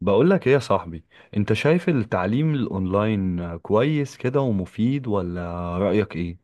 بقول لك ايه يا صاحبي؟ انت شايف التعليم الاونلاين كويس كده ومفيد ولا رأيك ايه؟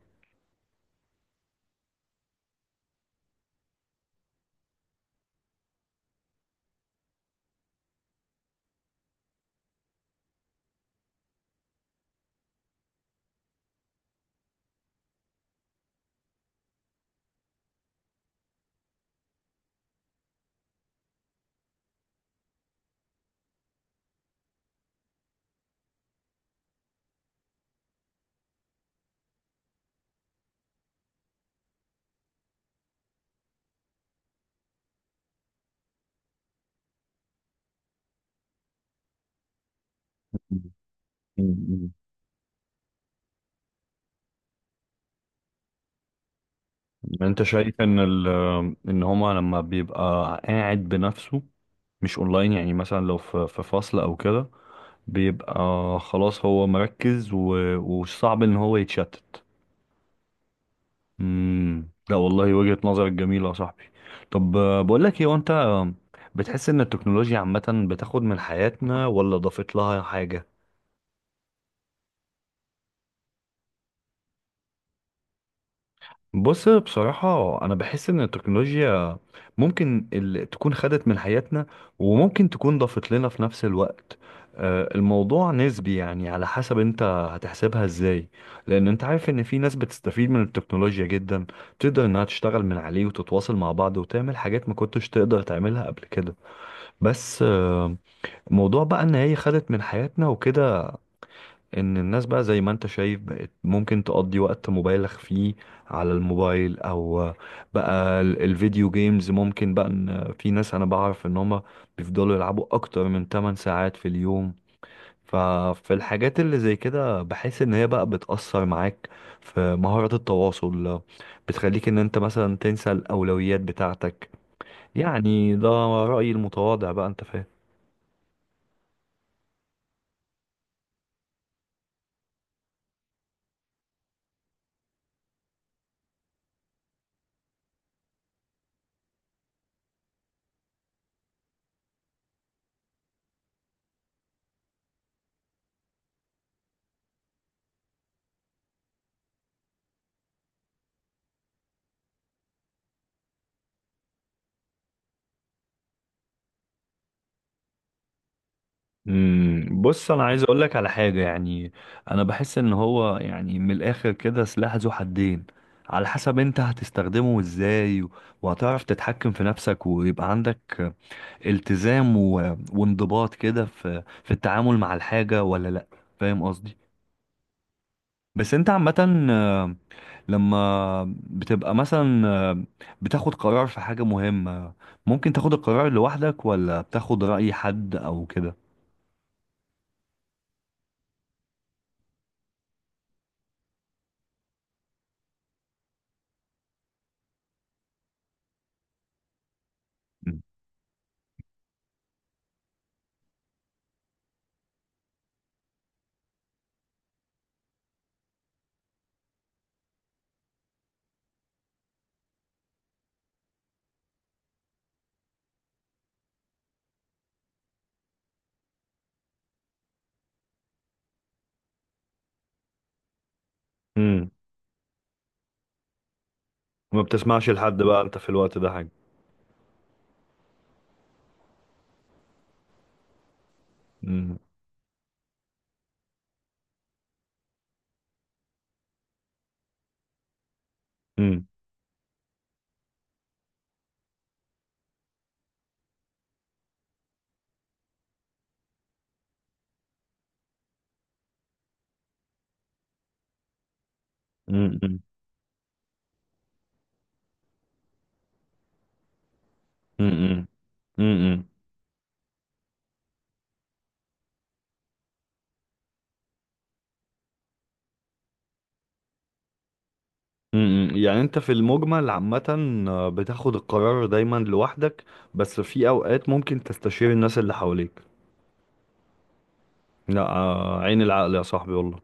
م- م. انت شايف ان ال ان هما لما بيبقى قاعد بنفسه، مش اونلاين، يعني مثلا لو في فصل او كده بيبقى خلاص هو مركز وصعب ان هو يتشتت. لا والله، وجهة نظرك جميلة يا صاحبي. طب بقول لك ايه، وانت بتحس ان التكنولوجيا عامة بتاخد من حياتنا ولا ضافت لها حاجة؟ بص، بصراحة أنا بحس إن التكنولوجيا ممكن تكون خدت من حياتنا، وممكن تكون ضافت لنا في نفس الوقت. الموضوع نسبي، يعني على حسب أنت هتحسبها إزاي. لأن أنت عارف إن في ناس بتستفيد من التكنولوجيا جدا، تقدر إنها تشتغل من عليه وتتواصل مع بعض وتعمل حاجات ما كنتش تقدر تعملها قبل كده. بس موضوع بقى إن هي خدت من حياتنا وكده، ان الناس بقى زي ما انت شايف بقت ممكن تقضي وقت مبالغ فيه على الموبايل، او بقى الفيديو جيمز. ممكن بقى ان في ناس انا بعرف ان هما بيفضلوا يلعبوا اكتر من 8 ساعات في اليوم. ففي الحاجات اللي زي كده بحس ان هي بقى بتأثر معاك في مهارة التواصل، بتخليك ان انت مثلا تنسى الاولويات بتاعتك. يعني ده رأيي المتواضع بقى، انت فاهم. بص، انا عايز اقول لك على حاجه، يعني انا بحس ان هو يعني من الاخر كده سلاح ذو حدين، على حسب انت هتستخدمه ازاي وهتعرف تتحكم في نفسك، ويبقى عندك التزام وانضباط كده في التعامل مع الحاجه ولا لا. فاهم قصدي؟ بس انت عامه، لما بتبقى مثلا بتاخد قرار في حاجه مهمه، ممكن تاخد القرار لوحدك ولا بتاخد رأي حد او كده؟ امم ما بتسمعش لحد بقى انت في الوقت ده حاجة. مم. مم. مم. مم. مم. مم. مم. يعني انت في المجمل عامة بتاخد القرار دايما لوحدك، بس في اوقات ممكن تستشير الناس اللي حواليك. لا عين العقل يا صاحبي والله.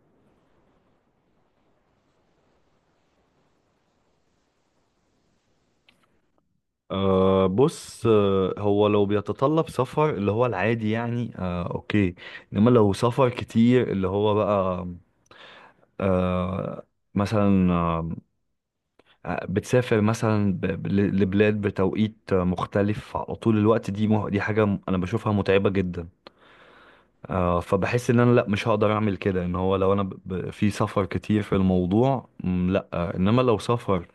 أه بص، هو لو بيتطلب سفر اللي هو العادي، يعني أه اوكي. انما لو سفر كتير اللي هو بقى أه مثلا، بتسافر مثلا لبلاد بتوقيت مختلف على طول الوقت، دي حاجة أنا بشوفها متعبة جدا. فبحس إن أنا لأ، مش هقدر أعمل كده، إن هو لو أنا في سفر كتير في الموضوع لأ. إنما لو سفر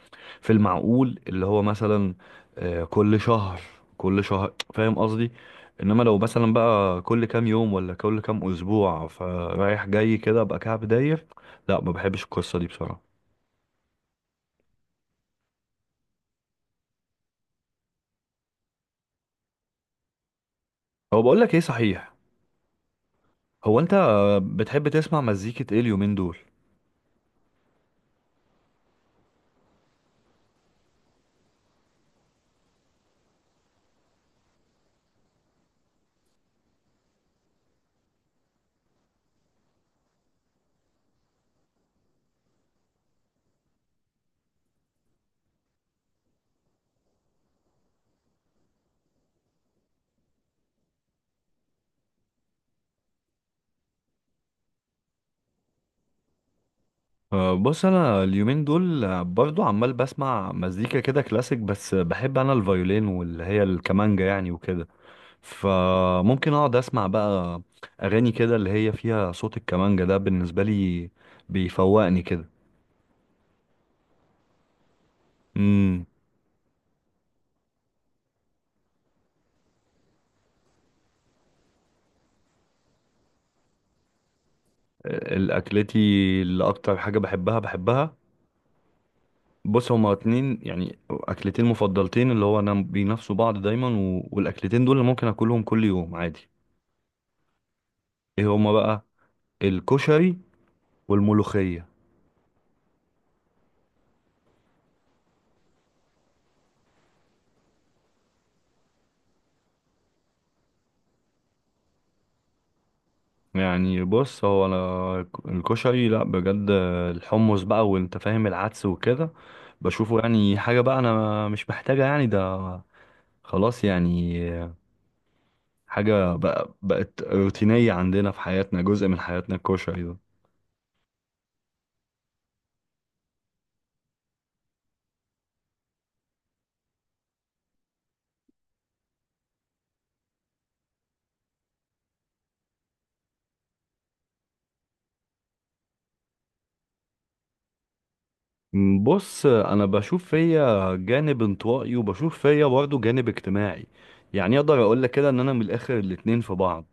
في المعقول، اللي هو مثلا كل شهر، كل شهر، فاهم قصدي. إنما لو مثلا بقى كل كام يوم ولا كل كام أسبوع، فرايح جاي كده أبقى كعب داير، لأ ما بحبش القصة دي بصراحة. هو بقول لك إيه صحيح، هو انت بتحب تسمع مزيكة ايه اليومين دول؟ أه بص، انا اليومين دول برضو عمال بسمع مزيكا كده كلاسيك، بس بحب انا الفيولين، واللي هي الكمانجا يعني وكده، فممكن اقعد اسمع بقى اغاني كده اللي هي فيها صوت الكمانجا. ده بالنسبة لي بيفوقني كده. امم الاكلتي اللي اكتر حاجة بحبها، بص هما اتنين يعني اكلتين مفضلتين، اللي هو انا بينافسوا بعض دايما، والاكلتين دول اللي ممكن اكلهم كل يوم عادي. ايه هما بقى؟ الكشري والملوخية. يعني بص هو انا الكشري لا بجد، الحمص بقى وانت فاهم، العدس وكده، بشوفه يعني حاجة بقى انا مش محتاجة يعني، ده خلاص يعني حاجة بقى بقت روتينية عندنا في حياتنا، جزء من حياتنا الكشري ده. بص انا بشوف فيا جانب انطوائي، وبشوف فيا برضه جانب اجتماعي، يعني اقدر اقول لك كده ان انا من الاخر الاتنين في بعض.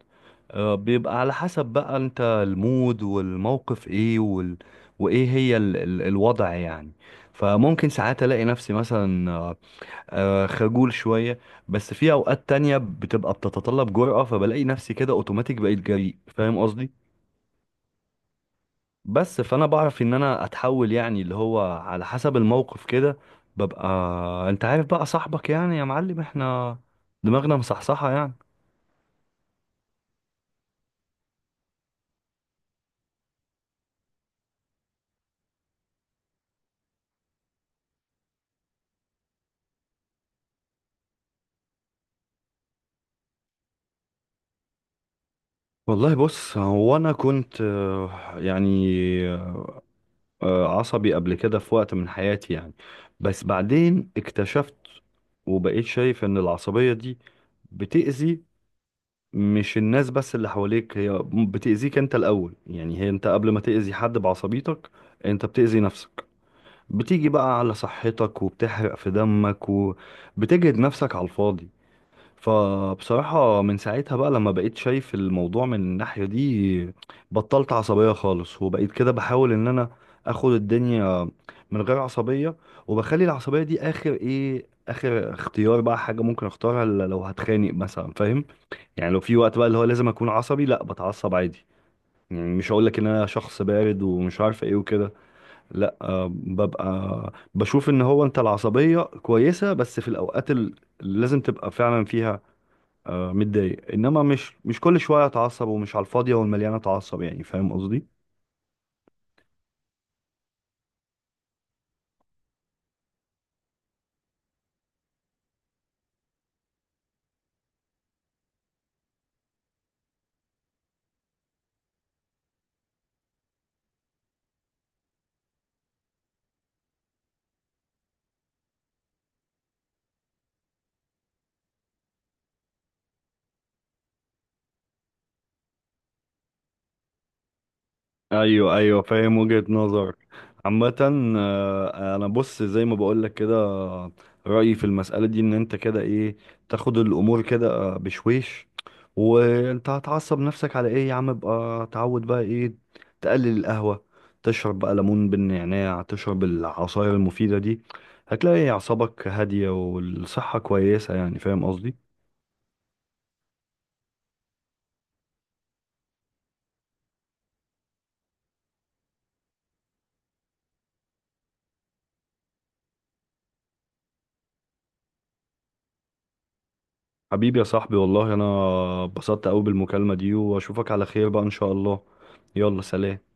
بيبقى على حسب بقى انت المود والموقف ايه وايه هي الوضع يعني. فممكن ساعات الاقي نفسي مثلا خجول شوية، بس في اوقات تانية بتبقى بتتطلب جرأة، فبلاقي نفسي كده اوتوماتيك بقيت جريء، فاهم قصدي؟ بس فانا بعرف ان انا اتحول يعني اللي هو على حسب الموقف كده ببقى، انت عارف بقى صاحبك، يعني يا معلم احنا دماغنا مصحصحة يعني. والله بص هو انا كنت يعني عصبي قبل كده في وقت من حياتي يعني، بس بعدين اكتشفت وبقيت شايف ان العصبية دي بتأذي مش الناس بس اللي حواليك، هي بتأذيك انت الاول، يعني هي انت قبل ما تأذي حد بعصبيتك انت بتأذي نفسك، بتيجي بقى على صحتك وبتحرق في دمك وبتجهد نفسك على الفاضي. فبصراحة من ساعتها بقى لما بقيت شايف الموضوع من الناحية دي، بطلت عصبية خالص، وبقيت كده بحاول ان انا اخد الدنيا من غير عصبية، وبخلي العصبية دي اخر ايه، اخر اختيار بقى، حاجة ممكن اختارها لو هتخانق مثلا فاهم؟ يعني لو في وقت بقى اللي هو لازم اكون عصبي، لا بتعصب عادي، يعني مش هقولك ان انا شخص بارد ومش عارف ايه وكده، لا ببقى بشوف ان هو انت العصبية كويسة بس في الاوقات اللي لازم تبقى فعلا فيها متضايق، انما مش كل شوية اتعصب، ومش على الفاضية والمليانة اتعصب يعني، فاهم قصدي؟ ايوه، فاهم وجهة نظر. عامة انا بص زي ما بقولك كده، رأيي في المسألة دي ان انت كده ايه، تاخد الامور كده بشويش، وانت هتعصب نفسك على ايه يا عم، ابقى تعود بقى ايه، تقلل القهوة، تشرب بقى ليمون بالنعناع، تشرب العصاير المفيدة دي، هتلاقي اعصابك هادية والصحة كويسة، يعني فاهم قصدي. حبيبي يا صاحبي والله انا اتبسطت قوي بالمكالمة دي، واشوفك على خير بقى ان شاء الله. يلا سلام.